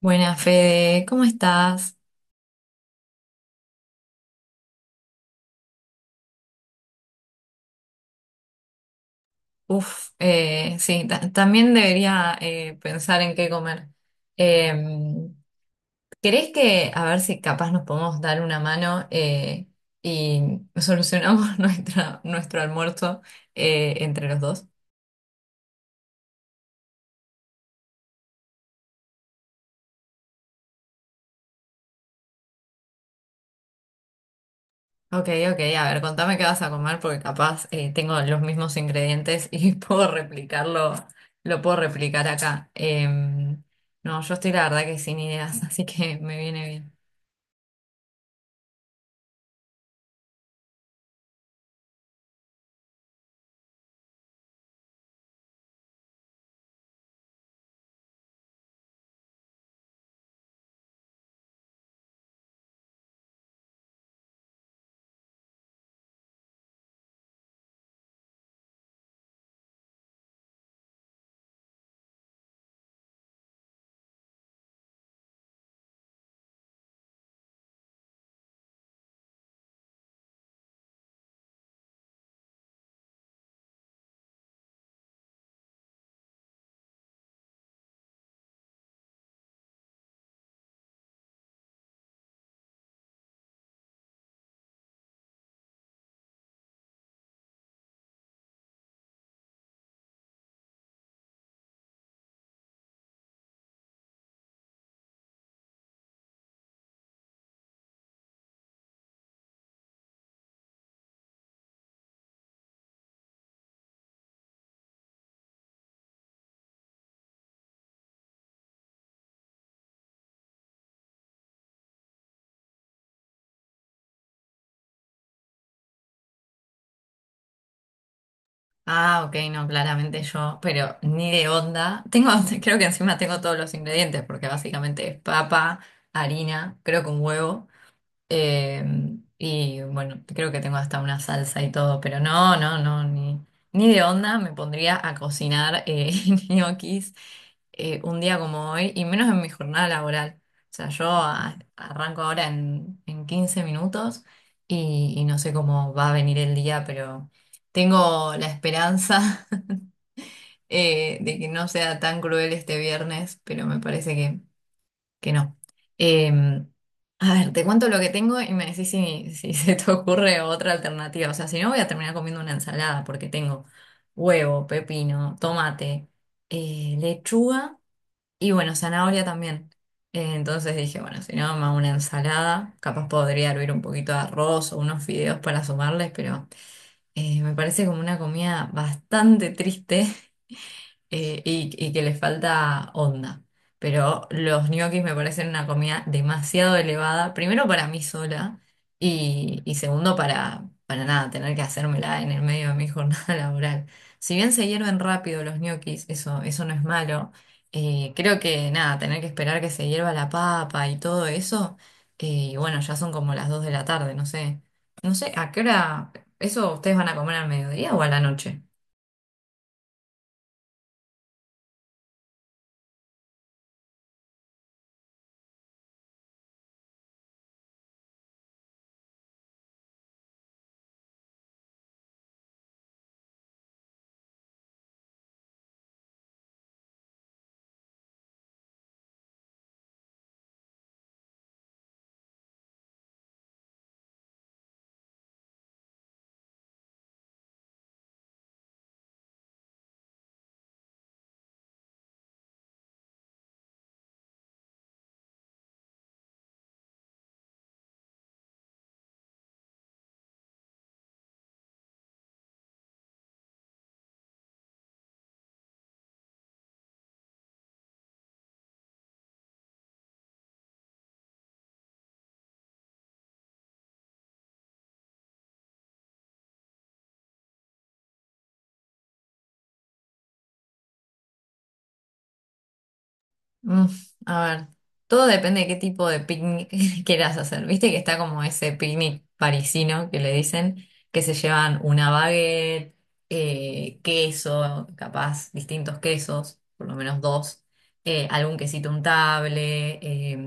Buenas, Fede, ¿cómo estás? Uf, sí, también debería pensar en qué comer. Em, ¿Querés que, a ver si capaz nos podemos dar una mano y solucionamos nuestro almuerzo entre los dos? Ok, ok, a ver, contame qué vas a comer porque capaz tengo los mismos ingredientes y lo puedo replicar acá. No, yo estoy la verdad que sin ideas, así que me viene bien. Ah, ok, no, claramente yo, pero ni de onda. Creo que encima tengo todos los ingredientes, porque básicamente es papa, harina, creo que un huevo. Eh, y bueno, creo que tengo hasta una salsa y todo, pero no, no, no, ni de onda me pondría a cocinar ñoquis un día como hoy y menos en mi jornada laboral. O sea, yo arranco ahora en 15 minutos y no sé cómo va a venir el día, pero tengo la esperanza de que no sea tan cruel este viernes, pero me parece que no. Em, a ver, te cuento lo que tengo y me decís si se te ocurre otra alternativa. O sea, si no, voy a terminar comiendo una ensalada porque tengo huevo, pepino, tomate, lechuga y bueno, zanahoria también. Entonces dije, bueno, si no, me hago una ensalada. Capaz podría hervir un poquito de arroz o unos fideos para sumarles, pero me parece como una comida bastante triste y que les falta onda. Pero los ñoquis me parecen una comida demasiado elevada, primero para mí sola y segundo para nada, tener que hacérmela en el medio de mi jornada laboral. Si bien se hierven rápido los ñoquis, eso no es malo, creo que nada, tener que esperar que se hierva la papa y todo eso, y bueno, ya son como las 2 de la tarde, no sé, ¿a qué hora eso ustedes van a comer al mediodía o a la noche? Mm, a ver, todo depende de qué tipo de picnic quieras hacer. Viste que está como ese picnic parisino que le dicen, que se llevan una baguette, queso, capaz distintos quesos, por lo menos dos, algún quesito untable,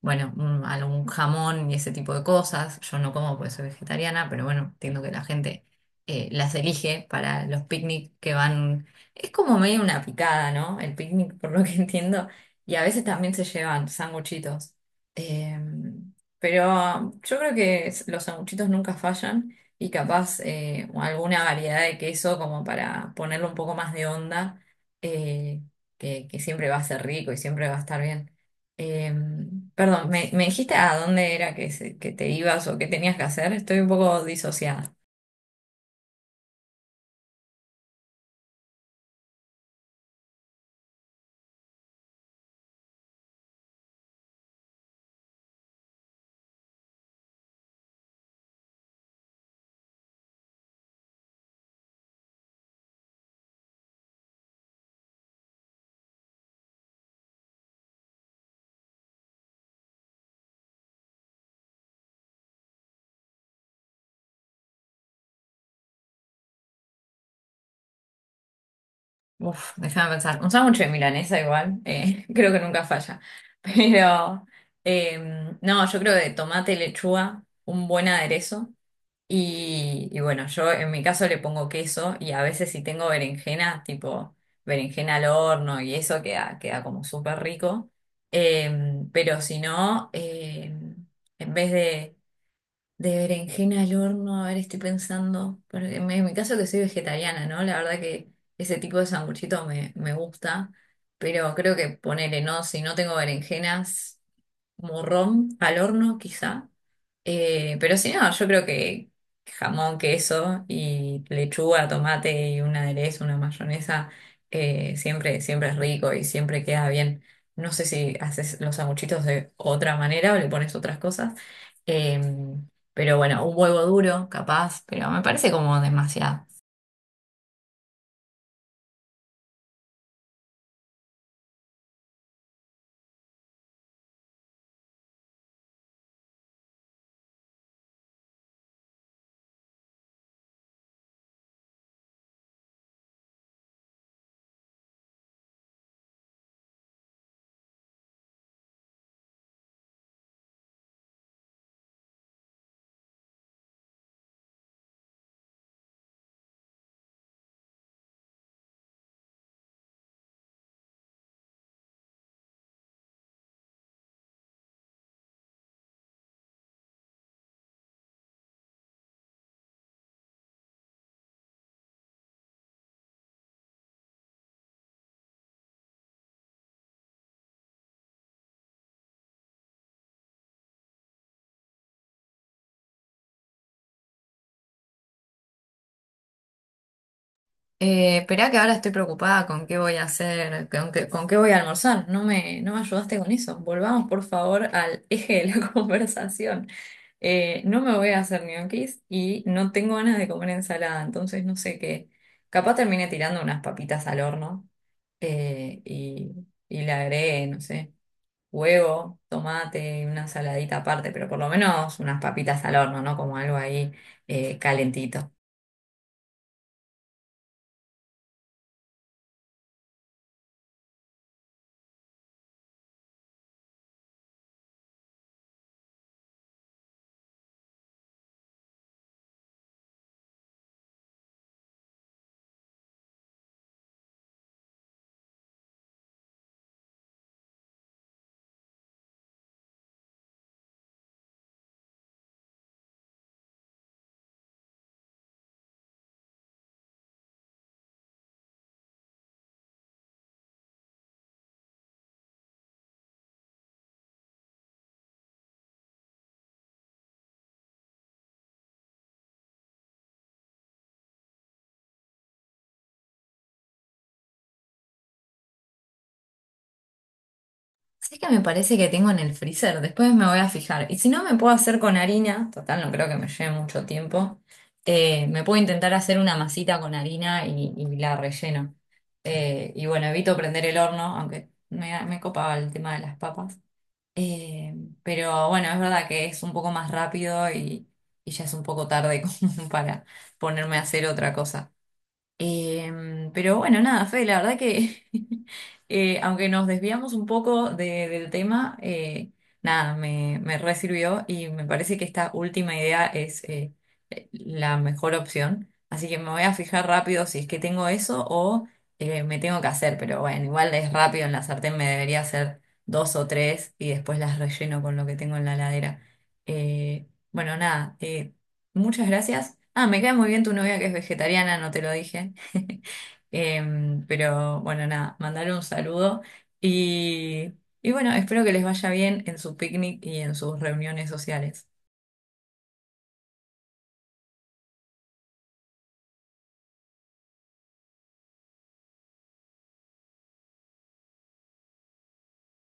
bueno, algún jamón y ese tipo de cosas. Yo no como porque soy vegetariana, pero bueno, entiendo que la gente las elige para los picnic que van. Es como medio una picada, ¿no? El picnic, por lo que entiendo. Y a veces también se llevan sanguchitos. Pero yo creo que los sanguchitos nunca fallan y capaz alguna variedad de queso como para ponerle un poco más de onda, eh, que siempre va a ser rico y siempre va a estar bien. Perdón, me dijiste a dónde era que te ibas o qué tenías que hacer? Estoy un poco disociada. Uf, déjame pensar. Un sándwich de milanesa igual, creo que nunca falla. Pero no, yo creo de tomate, lechuga, un buen aderezo. Y bueno, yo en mi caso le pongo queso y a veces si tengo berenjena, tipo berenjena al horno y eso queda como súper rico. Pero si no, en vez de berenjena al horno, a ver, estoy pensando, porque en mi caso que soy vegetariana, ¿no? La verdad que ese tipo de sanguchito me gusta, pero creo que ponele, no, si no tengo berenjenas morrón al horno, quizá. Pero si no, yo creo que jamón, queso y lechuga, tomate y un aderezo, una mayonesa, siempre es rico y siempre queda bien. No sé si haces los sanguchitos de otra manera o le pones otras cosas. Eh, pero bueno, un huevo duro, capaz, pero me parece como demasiado. Esperá que ahora estoy preocupada con qué voy a hacer, con qué voy a almorzar. No me ayudaste con eso. Volvamos, por favor, al eje de la conversación. No me voy a hacer ñoquis y no tengo ganas de comer ensalada, entonces no sé qué. Capaz termine tirando unas papitas al horno eh, y, y le agregué, no sé, huevo, tomate, y una saladita aparte, pero por lo menos unas papitas al horno, ¿no? Como algo ahí calentito. Sí que me parece que tengo en el freezer, después me voy a fijar. Y si no, me puedo hacer con harina, total, no creo que me lleve mucho tiempo. Me puedo intentar hacer una masita con harina y la relleno. Y bueno, evito prender el horno, aunque me copaba el tema de las papas. Eh, pero bueno, es verdad que es un poco más rápido y ya es un poco tarde como para ponerme a hacer otra cosa. Pero bueno, nada, Fe, la verdad que aunque nos desviamos un poco del tema, nada, me re sirvió y me parece que esta última idea es la mejor opción. Así que me voy a fijar rápido si es que tengo eso o me tengo que hacer, pero bueno, igual es rápido en la sartén, me debería hacer dos o tres y después las relleno con lo que tengo en la heladera. Bueno, nada, muchas gracias. Ah, me cae muy bien tu novia que es vegetariana, no te lo dije. Pero bueno, nada, mandar un saludo y, y bueno, espero que les vaya bien en su picnic y en sus reuniones sociales.